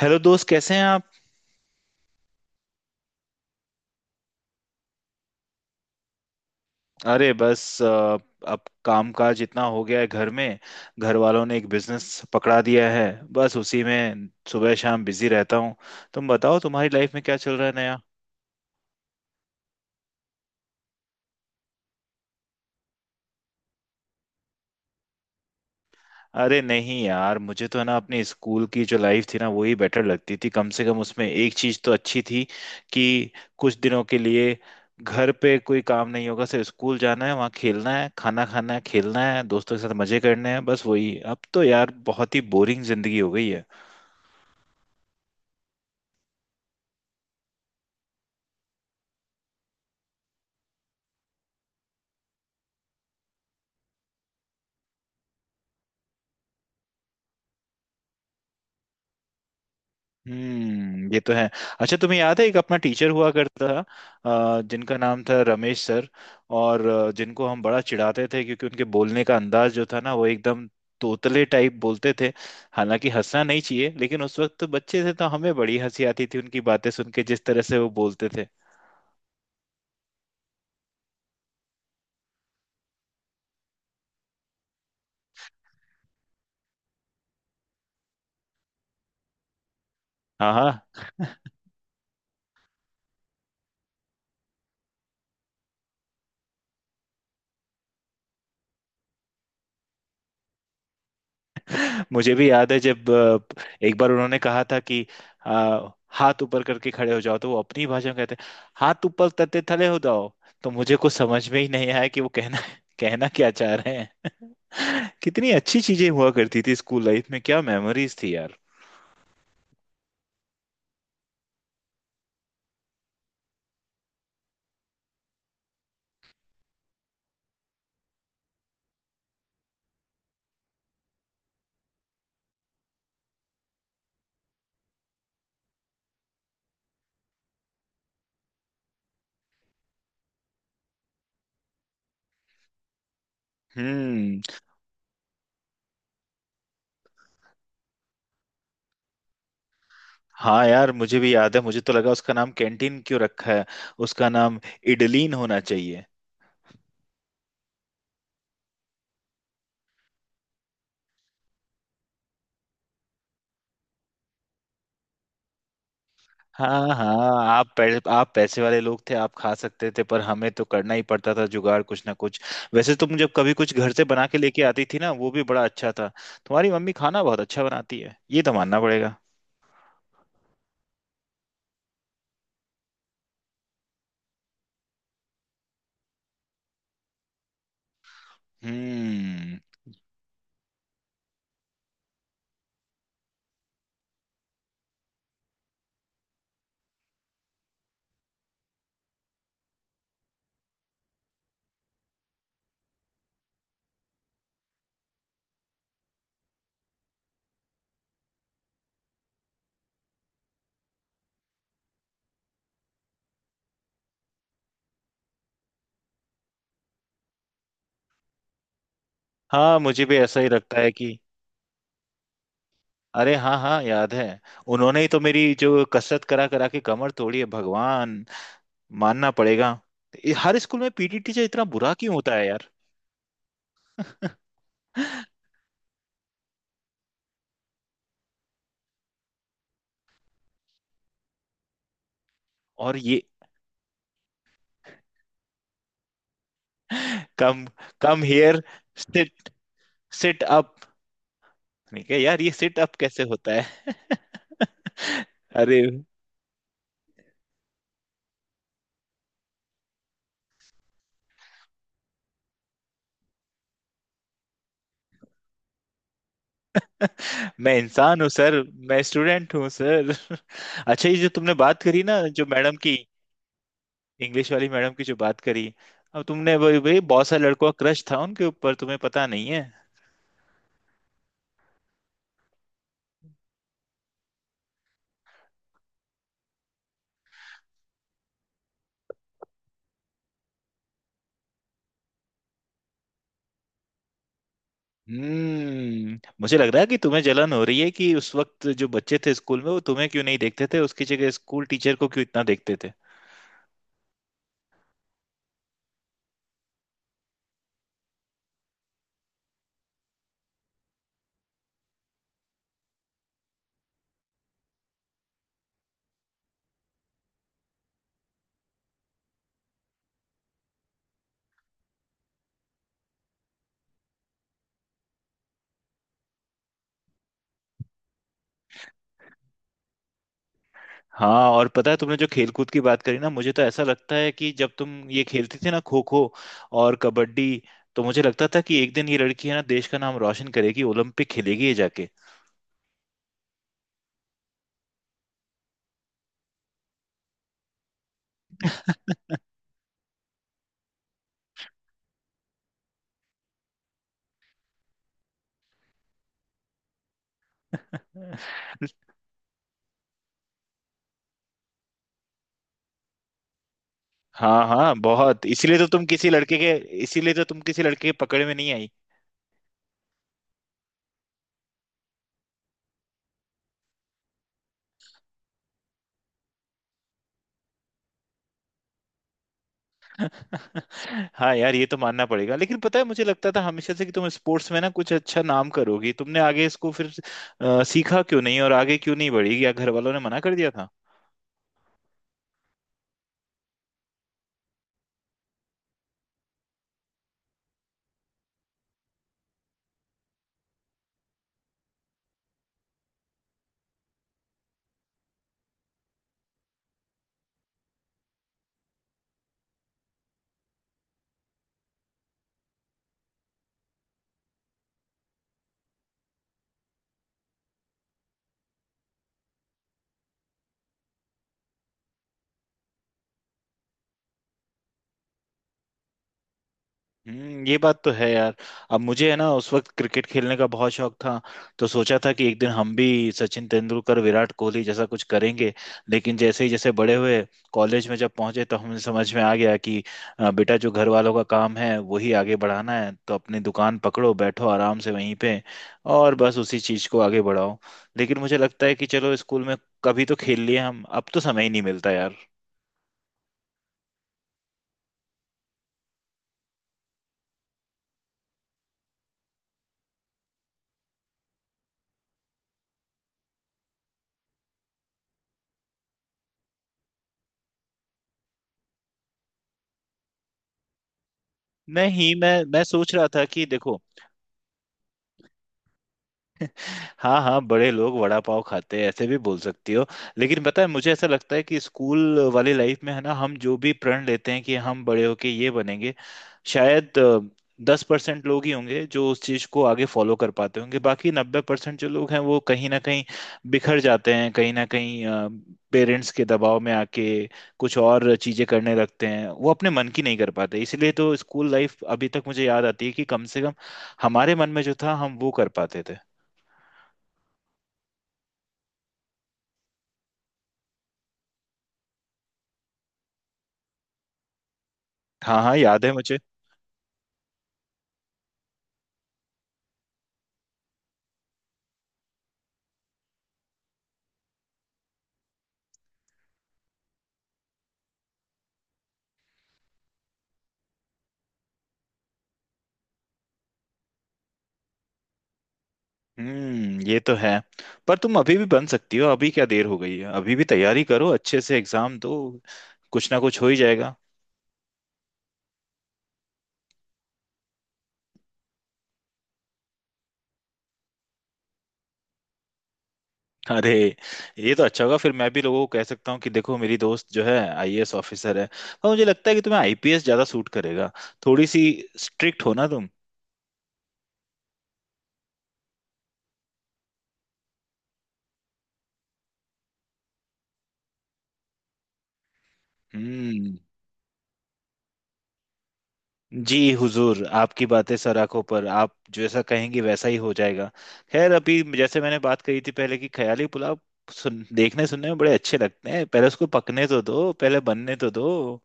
Hello दोस्त, कैसे हैं आप। अरे बस अब कामकाज इतना हो गया है घर में। घर वालों ने एक बिजनेस पकड़ा दिया है, बस उसी में सुबह शाम बिजी रहता हूँ। तुम बताओ, तुम्हारी लाइफ में क्या चल रहा है नया। अरे नहीं यार, मुझे तो है ना अपनी स्कूल की जो लाइफ थी ना, वही बेटर लगती थी। कम से कम उसमें एक चीज़ तो अच्छी थी कि कुछ दिनों के लिए घर पे कोई काम नहीं होगा। सिर्फ स्कूल जाना है, वहाँ खेलना है, खाना खाना है, खेलना है दोस्तों के साथ, मजे करने हैं। बस वही, अब तो यार बहुत ही बोरिंग जिंदगी हो गई है। हम्म, ये तो है। अच्छा तुम्हें याद है, एक अपना टीचर हुआ करता था जिनका नाम था रमेश सर। और जिनको हम बड़ा चिढ़ाते थे, क्योंकि उनके बोलने का अंदाज जो था ना, वो एकदम तोतले टाइप बोलते थे। हालांकि हंसना नहीं चाहिए, लेकिन उस वक्त तो बच्चे थे, तो हमें बड़ी हंसी आती थी उनकी बातें सुन के, जिस तरह से वो बोलते थे। हाँ हाँ, मुझे भी याद है जब एक बार उन्होंने कहा था कि अ, हाथ ऊपर करके खड़े हो जाओ, तो वो अपनी भाषा में कहते हैं हाथ ऊपर करते थले हो जाओ। तो मुझे कुछ समझ में ही नहीं आया कि वो कहना कहना क्या चाह रहे हैं। कितनी अच्छी चीजें हुआ करती थी स्कूल लाइफ में, क्या मेमोरीज थी यार। हम्म। हाँ यार, मुझे भी याद है। मुझे तो लगा उसका नाम कैंटीन क्यों रखा है, उसका नाम इडलीन होना चाहिए। हाँ हाँ, आप पैसे वाले लोग थे, आप खा सकते थे, पर हमें तो करना ही पड़ता था जुगाड़ कुछ ना कुछ। वैसे तुम जब कभी कुछ घर से बना के लेके आती थी ना, वो भी बड़ा अच्छा था। तुम्हारी मम्मी खाना बहुत अच्छा बनाती है, ये तो मानना पड़ेगा। हम्म। हाँ मुझे भी ऐसा ही लगता है कि अरे हाँ हाँ, याद है। उन्होंने ही तो मेरी जो कसरत करा करा के कमर तोड़ी है भगवान, मानना पड़ेगा। हर स्कूल में पीटी टीचर इतना बुरा क्यों होता है यार। और ये come, come here, sit up. ठीक है यार, ये सिट अप कैसे होता है। अरे मैं इंसान हूँ सर। मैं स्टूडेंट हूँ सर। अच्छा ये जो तुमने बात करी ना, जो मैडम की, इंग्लिश वाली मैडम की जो बात करी, अब तुमने वही वही बहुत सारे लड़कों का क्रश था उनके ऊपर, तुम्हें पता नहीं है। हम्म, मुझे लग रहा है कि तुम्हें जलन हो रही है कि उस वक्त जो बच्चे थे स्कूल में वो तुम्हें क्यों नहीं देखते थे, उसकी जगह स्कूल टीचर को क्यों इतना देखते थे। हाँ और पता है तुमने जो खेलकूद की बात करी ना, मुझे तो ऐसा लगता है कि जब तुम ये खेलती थी ना खो खो और कबड्डी, तो मुझे लगता था कि एक दिन ये लड़की है ना देश का नाम रोशन करेगी, ओलंपिक खेलेगी ये जाके। हाँ हाँ बहुत, इसीलिए तो तुम किसी लड़के के पकड़ में नहीं आई। हाँ यार ये तो मानना पड़ेगा, लेकिन पता है मुझे लगता था हमेशा से कि तुम स्पोर्ट्स में ना कुछ अच्छा नाम करोगी। तुमने आगे इसको फिर सीखा क्यों नहीं और आगे क्यों नहीं बढ़ी, या घर वालों ने मना कर दिया था। ये बात तो है यार। अब मुझे है ना उस वक्त क्रिकेट खेलने का बहुत शौक था, तो सोचा था कि एक दिन हम भी सचिन तेंदुलकर, विराट कोहली जैसा कुछ करेंगे। लेकिन जैसे ही जैसे बड़े हुए, कॉलेज में जब पहुंचे तो हमें समझ में आ गया कि बेटा जो घर वालों का काम है वही आगे बढ़ाना है, तो अपनी दुकान पकड़ो, बैठो आराम से वहीं पे, और बस उसी चीज को आगे बढ़ाओ। लेकिन मुझे लगता है कि चलो स्कूल में कभी तो खेल लिए हम, अब तो समय ही नहीं मिलता यार। नहीं, मैं सोच रहा था कि देखो, हाँ हाँ, बड़े लोग वड़ा पाव खाते हैं, ऐसे भी बोल सकती हो। लेकिन पता है मुझे ऐसा लगता है कि स्कूल वाली लाइफ में है ना, हम जो भी प्रण लेते हैं कि हम बड़े होके ये बनेंगे, शायद 10% लोग ही होंगे जो उस चीज को आगे फॉलो कर पाते होंगे। बाकी 90% जो लोग हैं वो कहीं ना कहीं बिखर जाते हैं, कहीं ना कहीं पेरेंट्स के दबाव में आके कुछ और चीजें करने लगते हैं, वो अपने मन की नहीं कर पाते। इसलिए तो स्कूल लाइफ अभी तक मुझे याद आती है कि कम से कम हमारे मन में जो था हम वो कर पाते थे। हाँ हाँ, याद है मुझे। ये तो है। पर तुम अभी भी बन सकती हो, अभी क्या देर हो गई है। अभी भी तैयारी करो, अच्छे से एग्जाम दो, कुछ ना कुछ हो ही जाएगा। अरे ये तो अच्छा होगा, फिर मैं भी लोगों को कह सकता हूँ कि देखो मेरी दोस्त जो है आईएएस ऑफिसर है। और मुझे लगता है कि तुम्हें आईपीएस ज्यादा सूट करेगा, थोड़ी सी स्ट्रिक्ट हो ना तुम। हम्म। जी हुजूर, आपकी बातें सर आंखों पर, आप जैसा कहेंगे वैसा ही हो जाएगा। खैर अभी जैसे मैंने बात कही थी पहले कि ख्याली पुलाव सुन देखने सुनने में बड़े अच्छे लगते हैं, पहले उसको पकने तो दो, पहले बनने तो दो।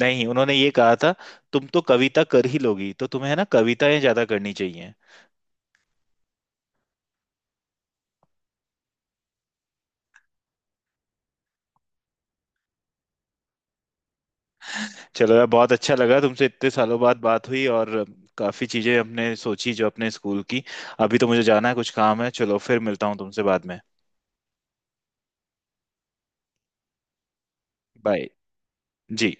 नहीं उन्होंने ये कहा था, तुम तो कविता कर ही लोगी, तो तुम्हें है ना कविताएं ज्यादा करनी चाहिए। चलो यार, बहुत अच्छा लगा तुमसे इतने सालों बाद बात हुई, और काफी चीजें हमने सोची जो अपने स्कूल की। अभी तो मुझे जाना है कुछ काम है, चलो फिर मिलता हूँ तुमसे बाद में। बाय। जी।